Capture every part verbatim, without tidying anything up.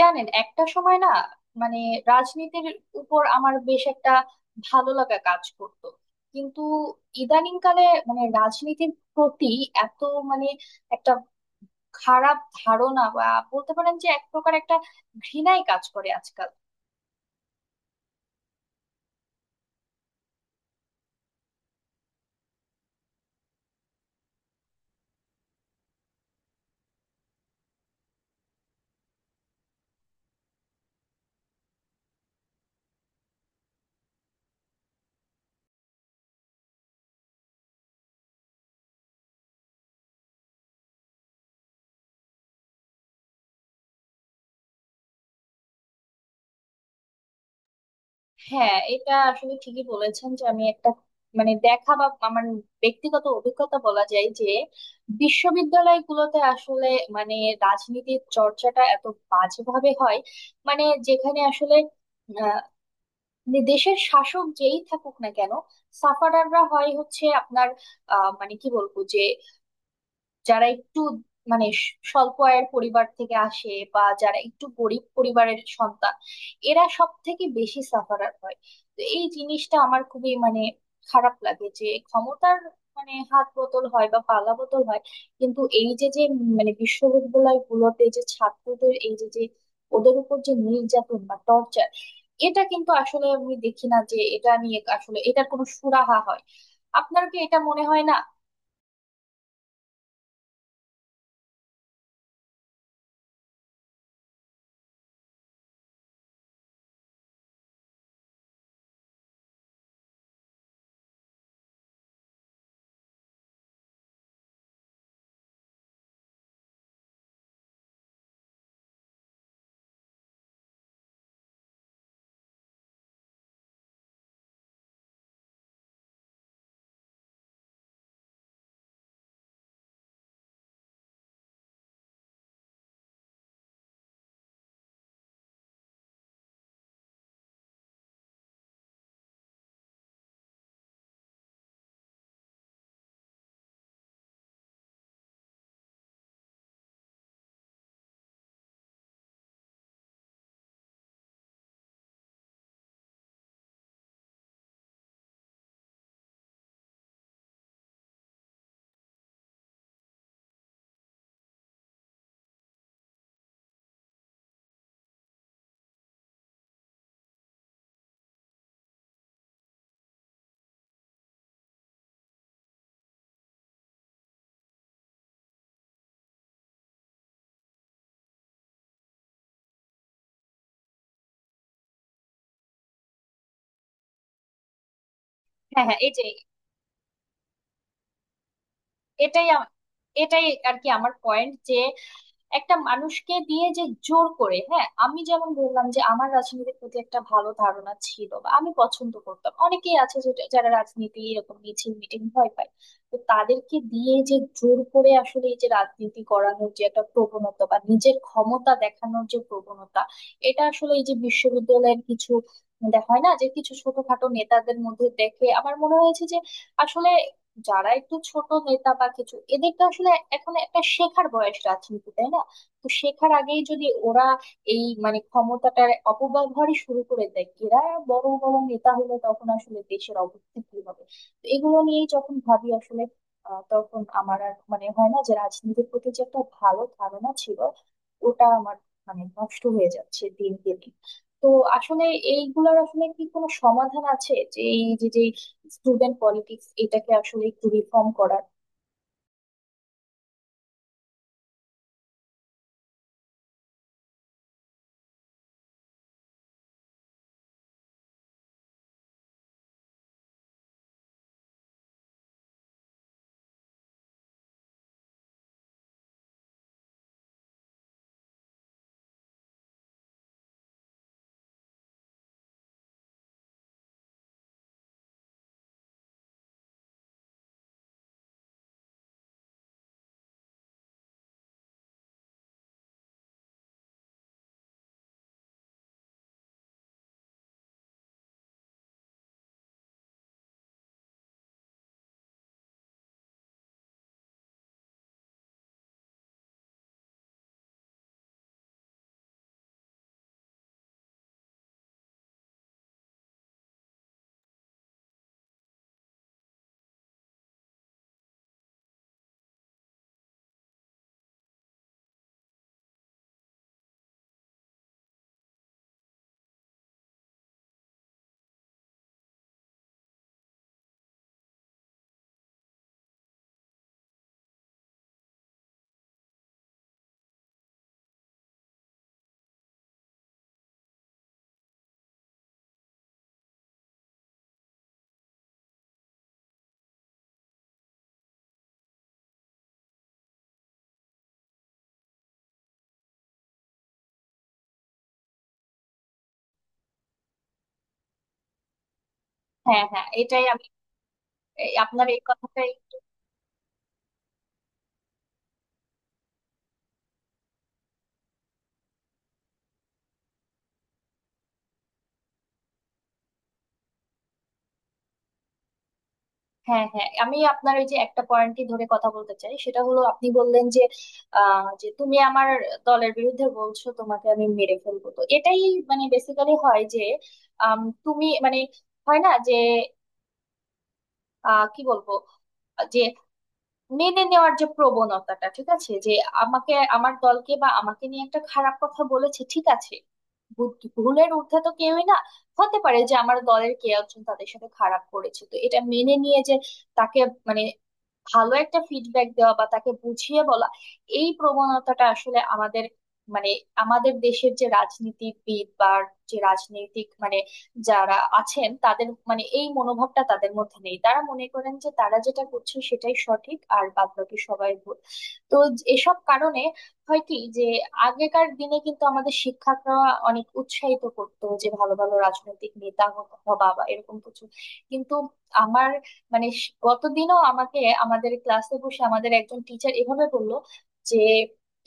জানেন, একটা সময় না মানে রাজনীতির উপর আমার বেশ একটা ভালো লাগা কাজ করতো। কিন্তু ইদানিংকালে মানে রাজনীতির প্রতি এত মানে একটা খারাপ ধারণা বা বলতে পারেন যে এক প্রকার একটা ঘৃণাই কাজ করে আজকাল। হ্যাঁ, এটা আসলে ঠিকই বলেছেন যে আমি একটা মানে দেখা বা আমার ব্যক্তিগত অভিজ্ঞতা বলা যায় যে বিশ্ববিদ্যালয়গুলোতে আসলে মানে রাজনীতির চর্চাটা এত বাজেভাবে হয়, মানে যেখানে আসলে আহ, মানে দেশের শাসক যেই থাকুক না কেন সাফারাররা হয় হচ্ছে আপনার আহ মানে কি বলবো যে যারা একটু মানে স- স্বল্প আয়ের পরিবার থেকে আসে বা যারা একটু গরিব পরিবারের সন্তান এরা সব থেকে বেশি সাফারার হয়। তো এই জিনিসটা আমার খুবই মানে খারাপ লাগে যে ক্ষমতার মানে হাত বদল হয় বা পালা বদল হয়, কিন্তু এই যে যে মানে বিশ্ববিদ্যালয় গুলোতে যে ছাত্রদের এই যে যে ওদের উপর যে নির্যাতন বা টর্চার, এটা কিন্তু আসলে আমি দেখি না যে এটা নিয়ে আসলে এটার কোনো সুরাহা হয়। আপনার কি এটা মনে হয় না? হ্যাঁ হ্যাঁ, এই যে এটাই আম- এটাই আর কি আমার পয়েন্ট, যে একটা মানুষকে দিয়ে যে জোর করে, হ্যাঁ আমি যেমন বললাম যে আমার রাজনীতির প্রতি একটা ভালো ধারণা ছিল বা আমি পছন্দ করতাম, অনেকেই আছে যেটা- যারা রাজনীতি এরকম মিছিল মিটিং ভয় পায়। তো তাদেরকে দিয়ে যে জোর করে আসলে এই যে রাজনীতি করানোর যে একটা প্রবণতা বা নিজের ক্ষমতা দেখানোর যে প্রবণতা, এটা আসলে এই যে বিশ্ববিদ্যালয়ের কিছু, দেখা হয় না যে কিছু ছোটখাটো নেতাদের মধ্যে দেখে আমার মনে হয়েছে যে আসলে যারা একটু ছোট নেতা বা কিছু এদেরকে আসলে এখন একটা শেখার বয়স রাজনীতি, তাই না? তো শেখার আগেই যদি ওরা এই মানে ক্ষমতাটার অপব্যবহারই শুরু করে দেয়, এরা বড় বড় নেতা হলে তখন আসলে দেশের অবস্থা কি হবে। তো এগুলো নিয়েই যখন ভাবি আসলে আহ, তখন আমার আর মানে হয় না যে রাজনীতির প্রতি যে একটা ভালো ধারণা ছিল, ওটা আমার মানে নষ্ট হয়ে যাচ্ছে দিন দিন। তো আসলে এইগুলার আসলে কি কোনো সমাধান আছে যে এই যে যে স্টুডেন্ট পলিটিক্স এটাকে আসলে একটু রিফর্ম করার? হ্যাঁ হ্যাঁ, এটাই আমি এই আপনার এই কথাটাই। হ্যাঁ হ্যাঁ, আমি আপনার ওই যে একটা পয়েন্টই ধরে কথা বলতে চাই, সেটা হলো আপনি বললেন যে আহ, যে তুমি আমার দলের বিরুদ্ধে বলছো তোমাকে আমি মেরে ফেলবো, তো এটাই মানে বেসিক্যালি হয় যে আম, তুমি মানে, হয় না যে আহ, কি বলবো যে মেনে নেওয়ার যে প্রবণতাটা ঠিক আছে, যে আমাকে আমার দলকে বা আমাকে নিয়ে একটা খারাপ কথা বলেছে, ঠিক আছে, ভু- ভুলের ঊর্ধ্বে তো কেউই না। হতে পারে যে আমার দলের কে একজন তাদের সাথে খারাপ করেছে, তো এটা মেনে নিয়ে যে তাকে মানে ভালো একটা ফিডব্যাক দেওয়া বা তাকে বুঝিয়ে বলা, এই প্রবণতাটা আসলে আমাদের মানে আমাদের দেশের যে রাজনীতিবিদ বা যে রাজনৈতিক মানে যারা আছেন, তাদের মানে এই মনোভাবটা তাদের মধ্যে নেই। তারা মনে করেন যে তারা যেটা করছে সেটাই সঠিক আর বাদবাকি সবাই ভুল। তো এসব কারণে হয় কি যে আগেকার দিনে কিন্তু আমাদের শিক্ষকরা অনেক উৎসাহিত করতো যে ভালো ভালো রাজনৈতিক নেতা হ- হবা বা এরকম কিছু। কিন্তু আমার মানে স- গতদিনও আমাকে আমাদের ক্লাসে বসে আমাদের একজন টিচার এভাবে বললো যে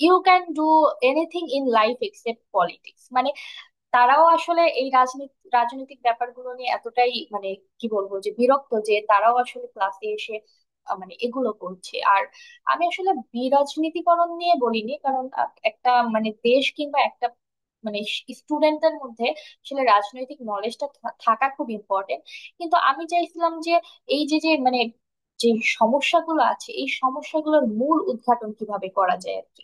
you can do anything in life except politics, মানে তারাও আসলে এই রাজনীতি রাজনৈতিক ব্যাপারগুলো নিয়ে এতটাই মানে কি বলবো যে বিরক্ত যে তারাও আসলে ক্লাসে এসে আহ, মানে এগুলো করছে। আর আমি আসলে বিরাজনীতিকরণ নিয়ে বলিনি, কারণ আহ, একটা মানে দেশ কিংবা একটা মানে স্টুডেন্টদের মধ্যে আসলে রাজনৈতিক নলেজটা থাকা খুব ইম্পর্টেন্ট। কিন্তু আমি চাইছিলাম যে এই যে যে মানে যে সমস্যাগুলো আছে এই সমস্যাগুলোর মূল উদ্ঘাটন কিভাবে করা যায় আর কি।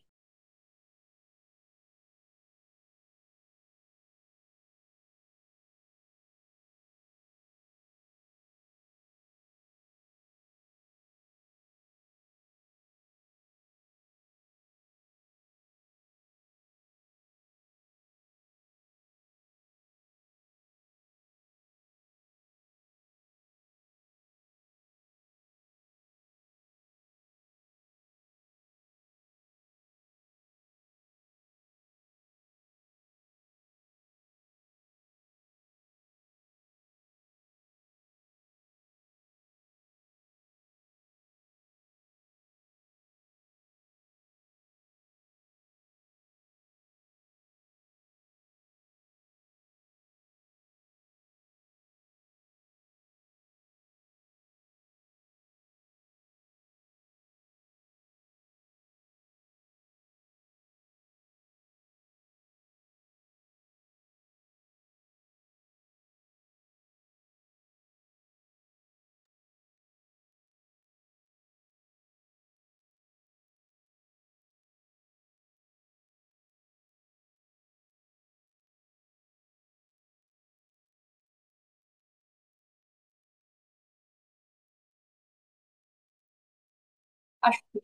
আসলে,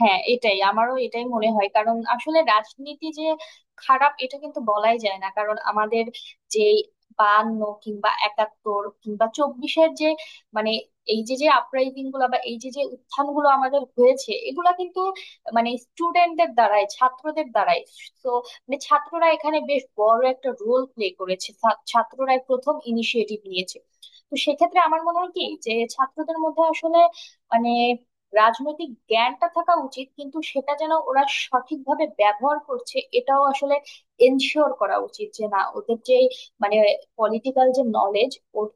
হ্যাঁ এটাই আমারও এটাই মনে হয়, কারণ আসলে রাজনীতি যে খারাপ এটা কিন্তু বলাই যায় না, কারণ আমাদের যে বায়ান্ন কিংবা একাত্তর কিংবা চব্বিশের যে মানে এই যে যে আপরাইজিং গুলো বা এই যে যে উত্থান গুলো আমাদের হয়েছে, এগুলা কিন্তু মানে স্টুডেন্টদের দ্বারাই, ছাত্রদের দ্বারাই। তো মানে ছাত্ররা এখানে বেশ বড় একটা রোল প্লে করেছে, ছা- ছাত্ররাই প্রথম ইনিশিয়েটিভ নিয়েছে। তো সেক্ষেত্রে আমার মনে হয় কি যে ছাত্রদের মধ্যে আসলে মানে রাজনৈতিক জ্ঞানটা থাকা উচিত, কিন্তু সেটা যেন ওরা সঠিকভাবে ব্যবহার করছে, এটাও আসলে এনশিওর করা উচিত। যে না, ওদের যে মানে পলিটিক্যাল যে নলেজ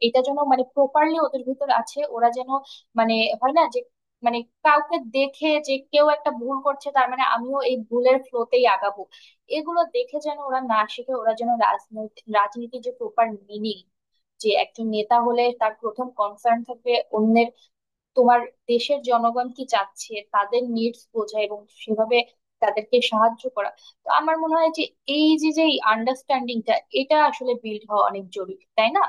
এটা যেন মানে প্রপারলি ওদের ভিতর আছে, ওরা যেন মানে হয় না যে মানে কাউকে দেখে যে কেউ একটা ভুল করছে তার মানে আমিও এই ভুলের ফ্লোতেই আগাবো। এগুলো দেখে যেন ওরা না শিখে, ওরা যেন রাজনৈতিক রাজনীতির যে প্রপার মিনিং, যে একজন নেতা হলে তার প্রথম কনসার্ন থাকবে অন্যের, তোমার দেশের জনগণ কি চাচ্ছে তাদের নিডস বোঝা এবং সেভাবে তাদেরকে সাহায্য করা। তো আমার মনে হয় যে এই যে যে আন্ডারস্ট্যান্ডিংটা, এটা আসলে বিল্ড হওয়া অনেক জরুরি, তাই না?